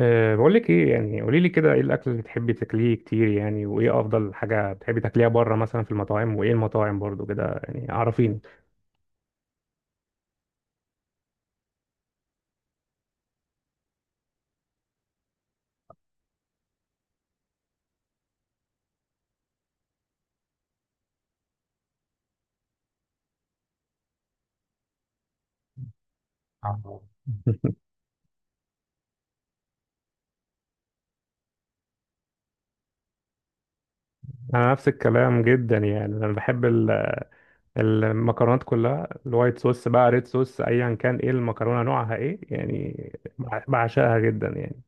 بقول لك ايه يعني، قولي لي كده، ايه الاكل اللي بتحبي تاكليه كتير يعني؟ وايه افضل حاجه بتحبي تاكليها بره مثلا في المطاعم؟ وايه المطاعم برضو كده يعني، عارفين؟ آه. انا نفس الكلام جدا يعني، انا بحب المكرونات كلها، الوايت صوص بقى ريد صوص ايا كان، ايه المكرونه نوعها ايه يعني، بعشقها جدا يعني.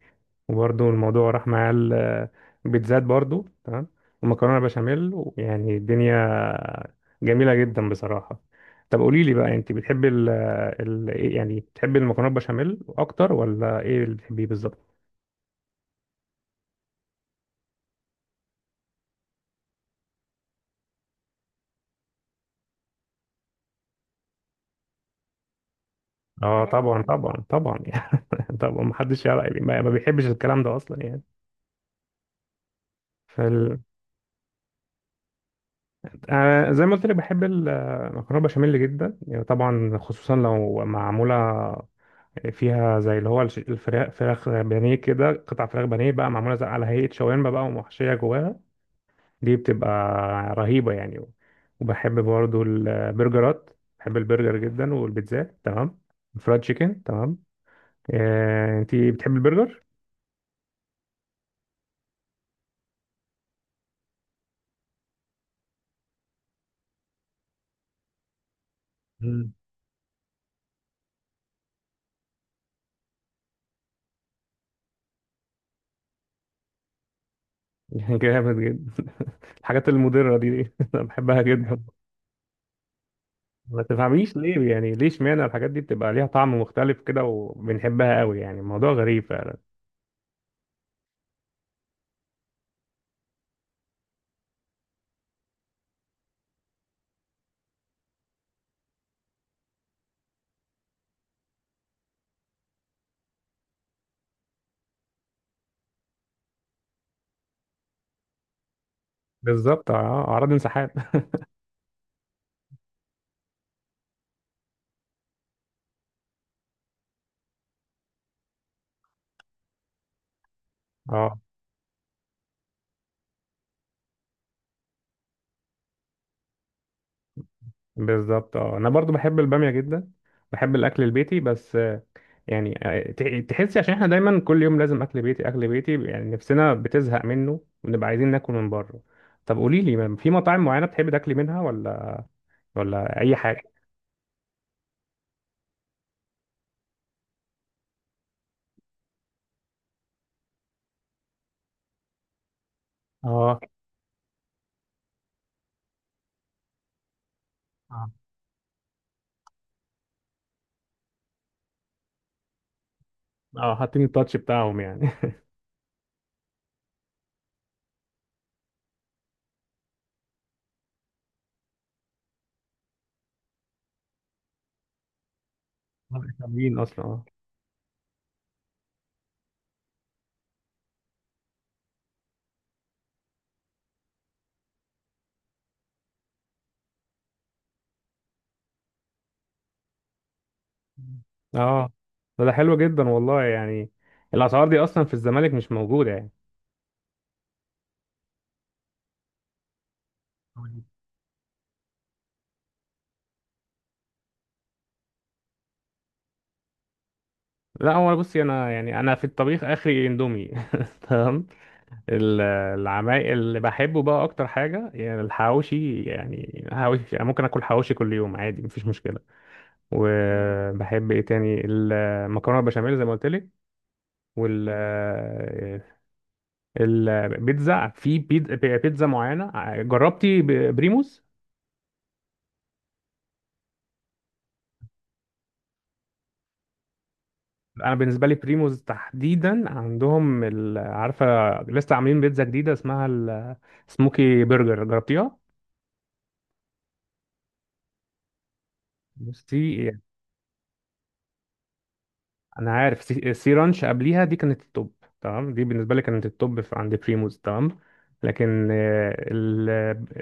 وبرده الموضوع راح معاه البيتزات برده تمام، ومكرونه بشاميل. يعني الدنيا جميله جدا بصراحه. طب قولي لي بقى، انت بتحبي ال إيه يعني؟ بتحبي المكرونه بشاميل اكتر ولا ايه اللي بتحبيه بالظبط؟ اه طبعا طبعا طبعا يعني، طبعا ما حدش يعرف يعني، ما بيحبش الكلام ده اصلا يعني. فال... أنا زي ما قلت لك بحب المكرونه بشاميل جدا يعني، طبعا خصوصا لو معموله فيها زي اللي هو الفراخ، فراخ بانيه كده، قطع فراخ بانيه بقى معموله زي على هيئه شاورما بقى ومحشيه جواها، دي بتبقى رهيبه يعني. وبحب برضو البرجرات، بحب البرجر جدا والبيتزات تمام، فرايد تشيكن تمام. انتي بتحب البرجر؟ مم. جامد جدا، الحاجات المضره دي انا بحبها جدا. ما تفهميش ليه يعني، ليه اشمعنى الحاجات دي بتبقى ليها طعم مختلف كده وبنحبها قوي يعني، الموضوع غريب فعلا. بالظبط، اه، اعراض انسحاب. اه بالظبط، اه انا برضو بحب الباميه جدا. بحب الاكل البيتي بس يعني تحسي عشان احنا دايما كل يوم لازم اكل بيتي اكل بيتي، يعني نفسنا بتزهق منه ونبقى عايزين ناكل من بره. طب قولي لي، في مطاعم معينه بتحبي تاكلي منها، ولا اي حاجه؟ اه اه، حاطين التاتش بتاعهم يعني. هم حلوين اصلا اه. اه، ده حلو جدا والله يعني، الاسعار دي اصلا في الزمالك مش موجوده يعني. لا هو بصي، انا يعني انا في الطبيخ اخري اندومي. تمام، ال- العمايل اللي بحبه بقى اكتر حاجه يعني الحواوشي، يعني حواوشي، يعني ممكن اكل حواوشي كل يوم عادي مفيش مشكله. وبحب ايه تاني؟ المكرونه البشاميل زي ما قلت لك. وال البيتزا في بيتزا معينه، جربتي بريموز؟ انا بالنسبه لي بريموز تحديدا عندهم عارفه، لسه عاملين بيتزا جديده اسمها السموكي برجر، جربتيها؟ بصي انا عارف، سي رانش قبليها دي كانت التوب، تمام دي بالنسبه لي كانت التوب في عند بريموز تمام. لكن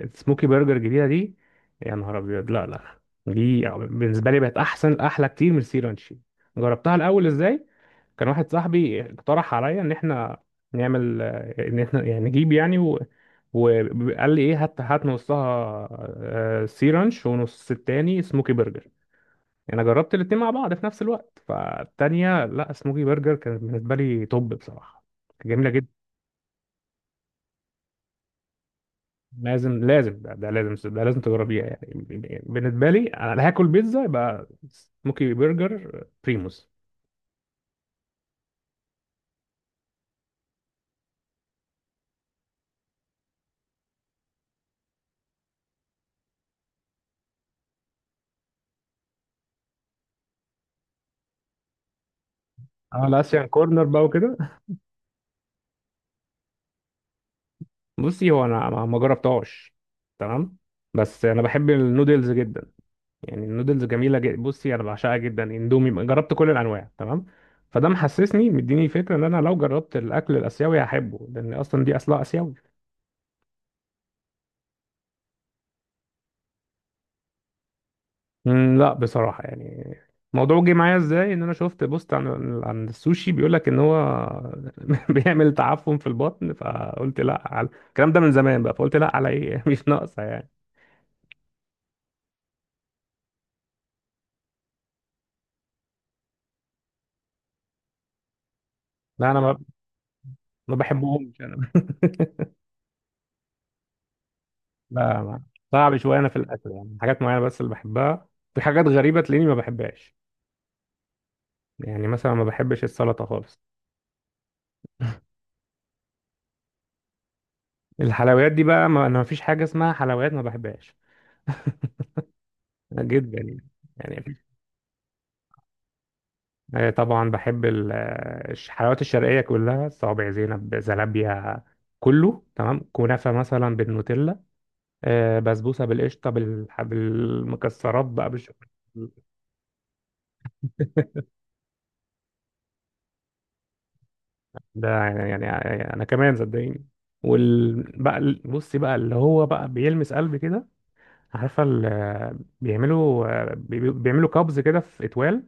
السموكي برجر الجديده دي، يا نهار ابيض، لا لا. لا، دي بالنسبه لي بقت احسن، احلى كتير من سي رانش. جربتها الاول ازاي؟ كان واحد صاحبي اقترح عليا ان احنا نعمل، ان احنا يعني نجيب يعني وقال لي ايه، هات، هات نصها سي رانش ونص التاني سموكي برجر. يعني انا جربت الاتنين مع بعض في نفس الوقت، فالتانية لا، سموكي برجر كانت بالنسبة لي توب بصراحة، كانت جميلة جدا. لازم لازم، ده لازم، ده لازم تجربيها يعني. بالنسبة لي انا لا، هاكل بيتزا يبقى سموكي برجر بريموس. اه الاسيان كورنر بقى وكده، بصي هو انا ما جربتهاش، تمام. بس انا بحب النودلز جدا، يعني النودلز جميله جدا. بصي انا بعشقها جدا، اندومي جربت كل الانواع تمام، فده محسسني مديني فكره ان انا لو جربت الاكل الاسيوي هحبه، لان اصلا دي اصلها اسيوي. لا بصراحه يعني، الموضوع جه معايا ازاي ان انا شفت بوست عن عن السوشي، بيقول لك ان هو بيعمل تعفن في البطن، فقلت لا على الكلام ده من زمان بقى، فقلت لا على ايه، مش ناقصه يعني. لا انا ما بحبهمش انا. لا صعب شويه انا في الاكل يعني، حاجات معينه بس اللي بحبها، في حاجات غريبه تلاقيني ما بحبهاش، يعني مثلا ما بحبش السلطة خالص. الحلويات دي بقى، ما انا ما فيش حاجة اسمها حلويات، ما بحبهاش جدا يعني. يعني طبعا بحب الحلويات الشرقية كلها، صوابع زينب، زلابيا، كله تمام، كنافة مثلا بالنوتيلا، بسبوسة بالقشطة بالمكسرات بقى، بالشوكولاتة. ده يعني, يعني انا كمان صدقيني. وال بقى بصي بقى اللي هو بقى بيلمس قلبي كده، عارفه بيعملوا بيعملوا كابز كده في اتوال،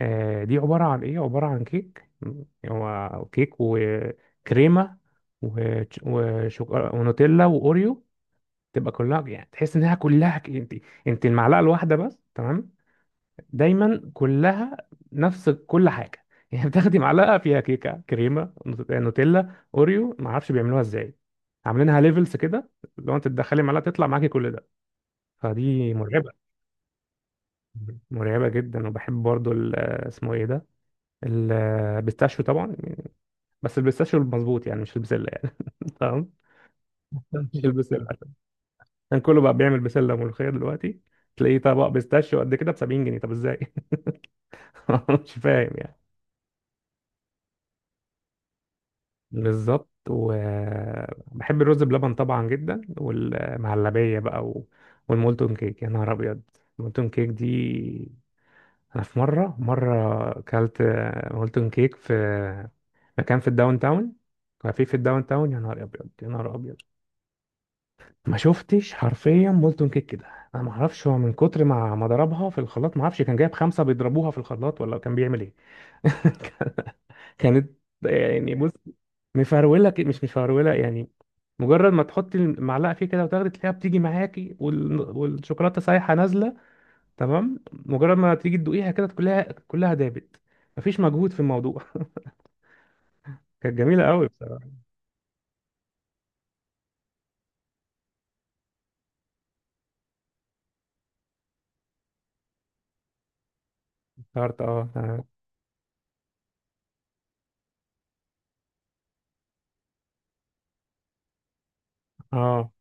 دي عبارة عن إيه؟ عبارة عن كيك هو كيك وكريمة ونوتيلا وأوريو، تبقى كلها، يعني تحس إنها كلها أنت المعلقة الواحدة بس تمام، دايما كلها نفس كل حاجة. يعني بتاخدي معلقة فيها كيكة، كريمة، نوتيلا، أوريو، معرفش بيعملوها إزاي، عاملينها ليفلز كده، لو أنت تدخلي معلقة تطلع معاكي كل ده، فدي مرعبة. مرعبة جدا. وبحب برضو اسمه ايه ده، البيستاشيو طبعا. بس البيستاشيو المظبوط يعني، مش البسله يعني. تمام، مش البسله. عشان يعني كله بقى بيعمل بسله ملوخيه دلوقتي، تلاقيه طبق بيستاشيو قد كده ب 70 جنيه، طب ازاي؟ مش فاهم يعني. بالظبط، وبحب الرز بلبن طبعا جدا، والمهلبيه بقى والمولتون كيك، يا نهار ابيض. المولتون كيك دي، انا في مره اكلت مولتون كيك في مكان في الداون تاون، كافيه في الداون تاون، يا نهار ابيض، يا نهار ابيض، ما شفتش حرفيا بولتون كيك كده. انا ما اعرفش، هو من كتر ما ضربها في الخلاط، ما اعرفش كان جايب خمسه بيضربوها في الخلاط ولا كان بيعمل ايه. كانت، يعني بص، مفروله كده، مش مفروله يعني، مجرد ما تحطي المعلقه فيه كده وتاخدي، تلاقيها بتيجي معاكي والشوكولاته سايحه نازله، تمام مجرد ما تيجي تدوقيها كده، كلها كلها دابت، مفيش مجهود في الموضوع. كانت جميله قوي بصراحه، افتكرت، اه اه. آه.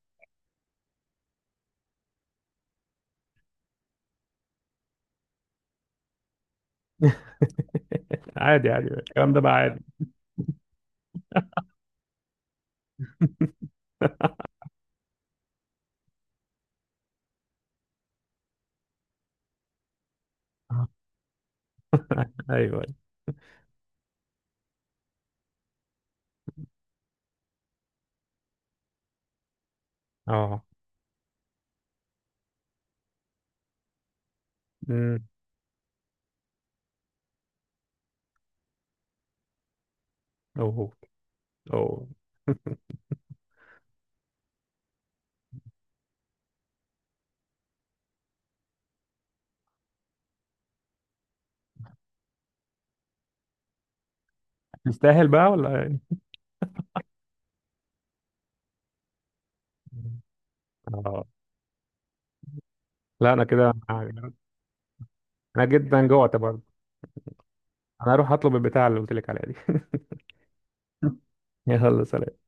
عادي عادي الكلام ده بقى عادي. آه. ايوه أيوة. اه، امم أو، يستاهل بقى ولا يعني؟ آه. لا أنا كده. أنا جدا جوعت برضه، أنا هروح أطلب البتاع اللي قلت لك عليها دي. يلا سلام.